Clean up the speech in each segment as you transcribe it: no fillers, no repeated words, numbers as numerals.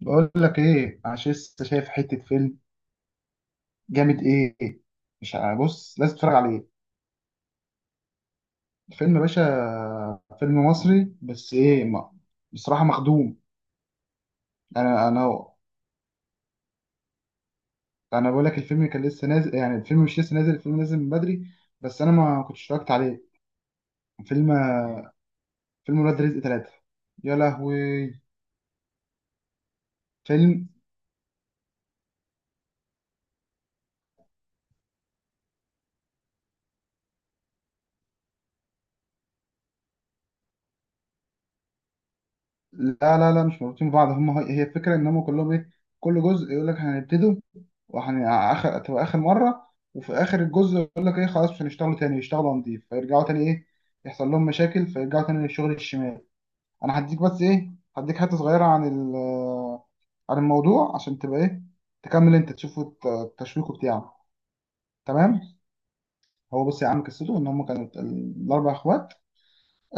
بقول لك ايه؟ عشان لسه شايف حته فيلم جامد ايه. مش ع- بص، لازم تتفرج عليه. فيلم باشا، فيلم مصري، بس ايه ما بصراحه مخدوم. انا انا انا بقول لك الفيلم كان لسه نازل، يعني الفيلم مش لسه نازل، الفيلم نازل من بدري، بس انا ما كنتش اتفرجت عليه. فيلم فيلم ولاد رزق ثلاثة. يا لهوي. فيلم. لا لا لا، مش مربوطين ببعض. هي الفكره ان هم كلهم ايه، كل جزء يقول لك هنبتدوا وهن اخر، تبقى اخر مره، وفي اخر الجزء يقول لك ايه، خلاص مش هنشتغلوا تاني، يشتغلوا نضيف، فيرجعوا تاني، ايه، يحصل لهم مشاكل فيرجعوا تاني للشغل الشمال. انا هديك بس ايه، هديك حته صغيره عن عن الموضوع عشان تبقى ايه، تكمل انت، تشوفوا التشويق بتاعه. تمام. هو بص يا عم، قصته ان هم كانوا الاربع اخوات.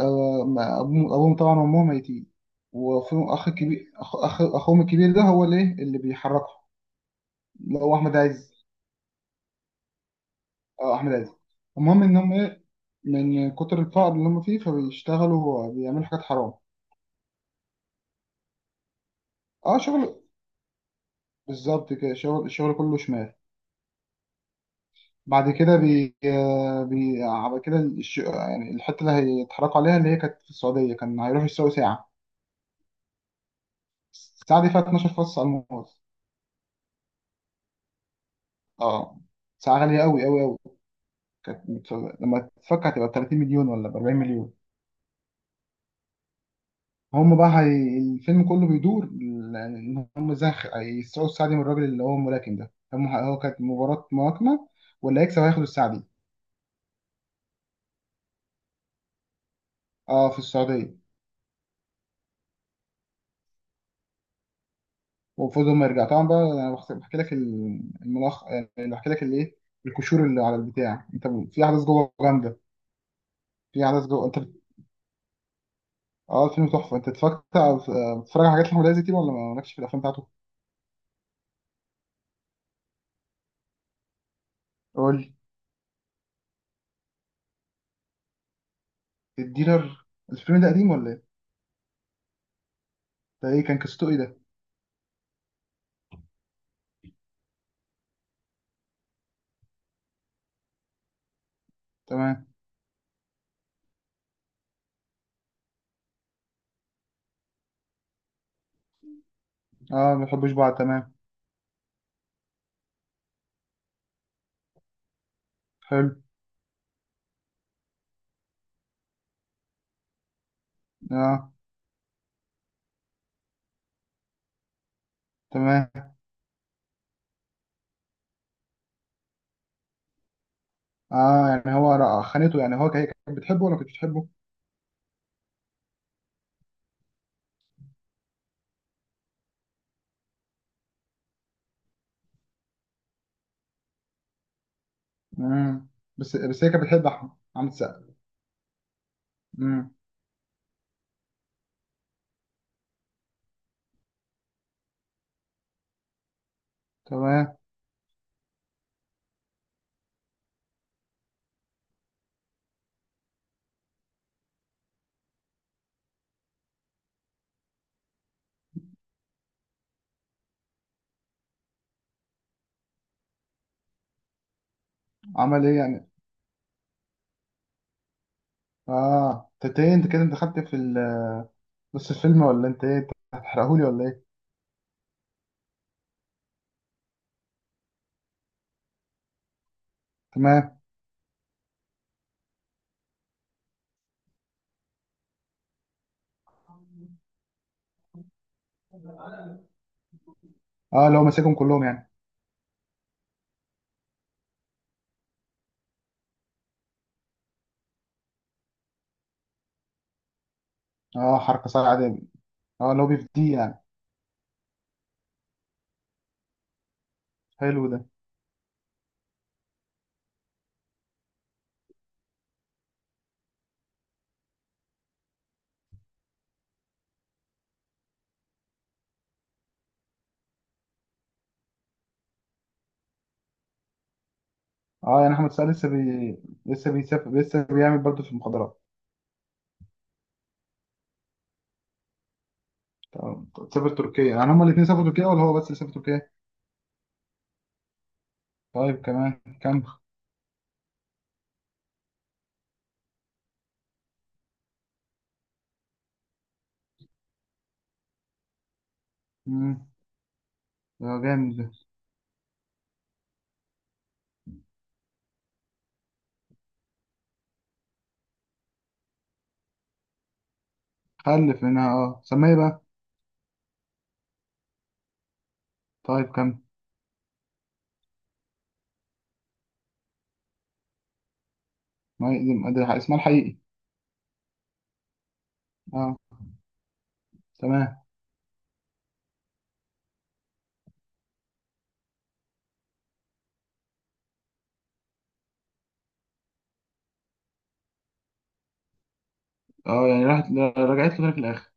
أبوهم طبعا وأمهم ميتين، وفيهم أخ كبير، أخوهم الكبير ده هو اللي إيه؟ اللي بيحركهم. اللي هو أحمد عز. أه، أحمد عز. المهم إن هم إيه، من كتر الفقر اللي هم فيه فبيشتغلوا بيعملوا حاجات حرام. أه شغل، بالظبط كده، شغل، الشغل كله شمال. بعد كده بي آه، بي بعد كده يعني الحتة اللي هيتحركوا عليها، اللي هي كانت في السعودية، كان هيروحوا يشتروا ساعة. الساعة دي فيها 12 فص على الموز. أه، ساعة غالية أوي أوي أوي. لما تفكر هتبقى ب 30 مليون ولا ب 40 مليون. هم بقى الفيلم كله بيدور يعني ان هم ازاي هيسرقوا السعدي من الراجل اللي هو الملاكم ده. هو كانت مباراة ملاكمة واللي هيكسب هياخد السعدي. اه، في السعودية. وفوز ما يرجع طبعا بقى. انا بحكي لك الملخ، يعني بحكي لك الايه، الكشور اللي على البتاع. انت في احداث جوه جامده، في احداث جوه انت اه، الفيلم تحفه. انت بتتفرج على حاجات احمد عز كتير، ولا مالكش في الافلام بتاعته؟ قول لي. الديلر. الفيلم ده قديم ولا ايه؟ ده ايه، كان قصته ايه ده؟ تمام. اه، ما بيحبوش بعض. تمام. حلو. اه. تمام. اه، يعني خانته، يعني هي كانت بتحبه ولا ما كانتش بتحبه؟ امم بس بس هي كانت بتحب احمد، عامل سقا. امم تمام. عمل ايه يعني؟ اه، انت ايه، انت كده انت خدت في نص الفيلم ولا انت ايه، انت هتحرقهولي ولا ايه؟ تمام. اه، اللي هو ماسكهم كلهم يعني. اه، حركه صعبه. اه، اللي هو بيفديه يعني. حلو ده. اه، يعني احمد سقا لسه بيسافر، لسه بيعمل برضه في المخدرات. تمام. سافر تركيا، يعني هما الاثنين سافروا تركيا ولا هو بس اللي سافر تركيا؟ طيب كمان. كمل. مم. ده جامد ده. خلف منها، اه، سميه بقى. طيب كمل. ما هي- ده اسمها الحقيقي. اه، تمام. اه، يعني راحت، رجعت له تاني في الاخر.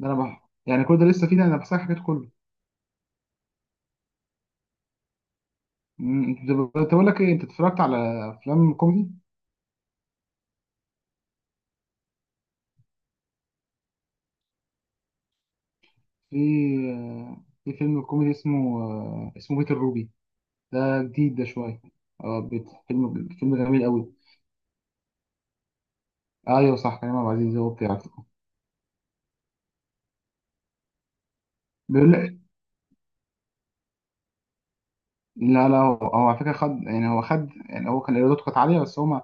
يعني كل ده لسه فيه؟ ده انا بحسك حكيت كله. انت بقول لك ايه، انت اتفرجت على افلام كوميدي؟ في في فيلم كوميدي اسمه اسمه بيت الروبي. ده جديد ده شويه. اه، بيت فيلم فيلم جميل قوي. ايوه صح، كريم عبد العزيز هو بتاعته. بيقول، لا لا، هو هو على فكرة خد، يعني هو خد، يعني هو كان ايراداته كانت عالية، بس هو ما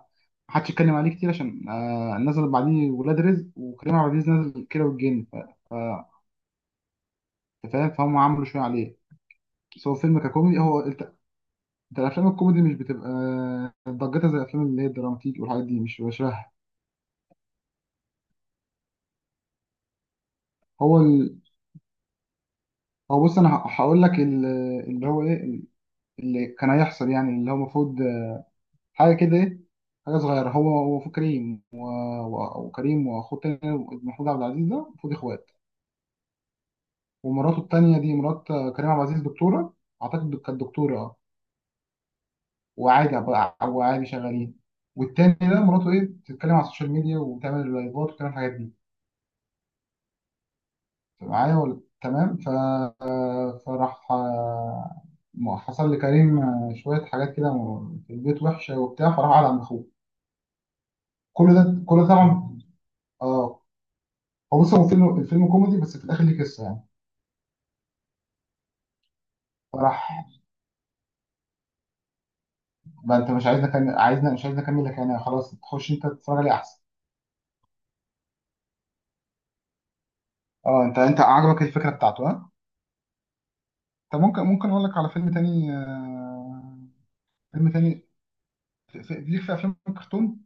ما حدش يتكلم عليه كتير، عشان آه نزل بعديه ولاد رزق، وكريم عبد العزيز نزل كيرة والجن. ف- أنت فاهم، فهم عملوا شوية عليه، بس هو فيلم ككوميدي هو. انت أنت، الافلام الكوميدي مش بتبقى ضجتها زي الافلام اللي هي الدراماتيك والحاجات دي، مش بشبه. هو ال... هو بص، انا هقول لك اللي هو ايه، اللي كان هيحصل يعني، اللي هو المفروض حاجه كده ايه، حاجه صغيره. هو هو المفروض كريم، وكريم واخوه التاني محمود عبد العزيز ده، المفروض اخوات، ومراته التانية دي، مرات كريم عبد العزيز، دكتورة. أعتقد كانت دكتورة أه. وعادي شغالين، والتاني ده مراته إيه، بتتكلم على السوشيال ميديا وبتعمل لايفات وبتعمل الحاجات دي. أنت معايا ولا؟ تمام. فراح حصل لكريم شوية حاجات كده في البيت وحشة وبتاع، فراح قعد عند أخوه. كل ده كل ده طبعا. اه. هو بص، هو فيلم، الفيلم كوميدي بس في الآخر ليه قصة يعني. فراح، ما أنت مش عايزنا، مش عايزنا أكمل لك يعني، خلاص تخش أنت تتفرج عليه أحسن. اه، انت انت عجبك الفكره بتاعته؟ ها. طب ممكن، ممكن اقول لك على فيلم تاني فيلم تاني. ليك في افلام الكرتون،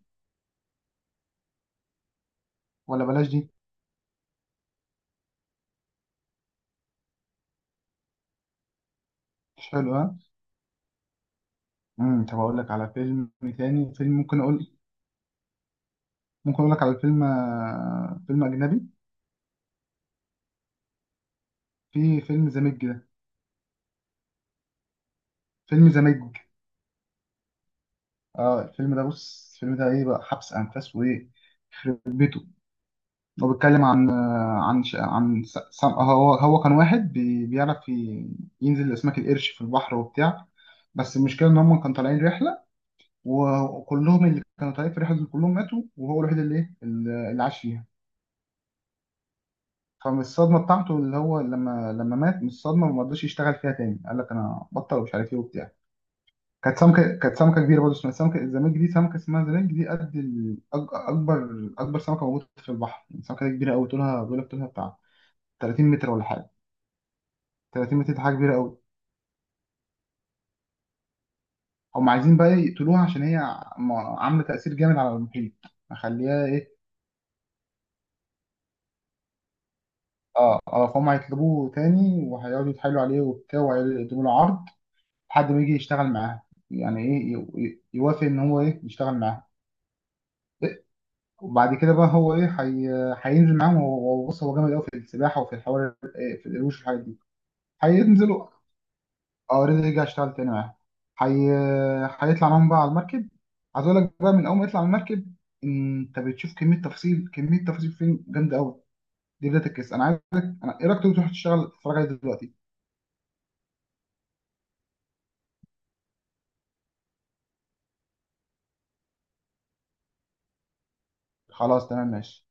ولا بلاش دي؟ مش حلو ها. طب اقول لك على فيلم تاني، فيلم ممكن اقول، ممكن اقول لك على فيلم فيلم اجنبي. في فيلم زاميج ده. فيلم زاميج. اه، الفيلم ده بص، الفيلم ده ايه بقى، حبس انفاس وايه. يخرب بيته. هو بيتكلم عن هو كان واحد بيعرف ينزل لأسماك القرش في البحر وبتاع، بس المشكلة إن هم كانوا طالعين رحلة، وكلهم اللي كانوا طالعين في الرحلة دي كلهم ماتوا، وهو الوحيد اللي إيه، اللي عاش فيها. فمن الصدمة بتاعته اللي هو لما مات، من الصدمة ما رضاش يشتغل فيها تاني، قال لك أنا بطل ومش عارف إيه وبتاع. كانت سمكة كبيرة برضه، اسمها سمكة الزمالك دي، سمكة اسمها زمالك دي، قد أكبر أكبر سمكة موجودة في البحر، يعني السمكة دي كبيرة أوي، طولها بيقول لك طولها بتاع 30 متر ولا حاجة. 30 متر دي حاجه كبيره قوي. هم عايزين بقى يقتلوها عشان هي عامله تاثير جامد على المحيط، مخليها ايه. اه، اه، فهم هيطلبوه تاني، وهيقعدوا يتحايلوا عليه وبتاع، وهيقعدوا يقدموا له عرض لحد ما يجي يشتغل معاها، يعني ايه، يوافق ان هو ايه يشتغل معاها. وبعد كده بقى هو ايه، هينزل معاهم. بص، هو جامد قوي في السباحه وفي الحوار إيه، في القروش والحاجات دي. هينزلوا. اه، اوريدي رجع اشتغل تاني معاهم. حي... هيطلع معاهم بقى على المركب. عايز اقول لك بقى، من اول ما يطلع على المركب انت بتشوف كميه تفاصيل، كميه تفاصيل فين جامده قوي. دي بدايه القصه. انا عايزك، انا ايه رايك تروح تشتغل تتفرج عليه دلوقتي. خلاص تمام، ماشي.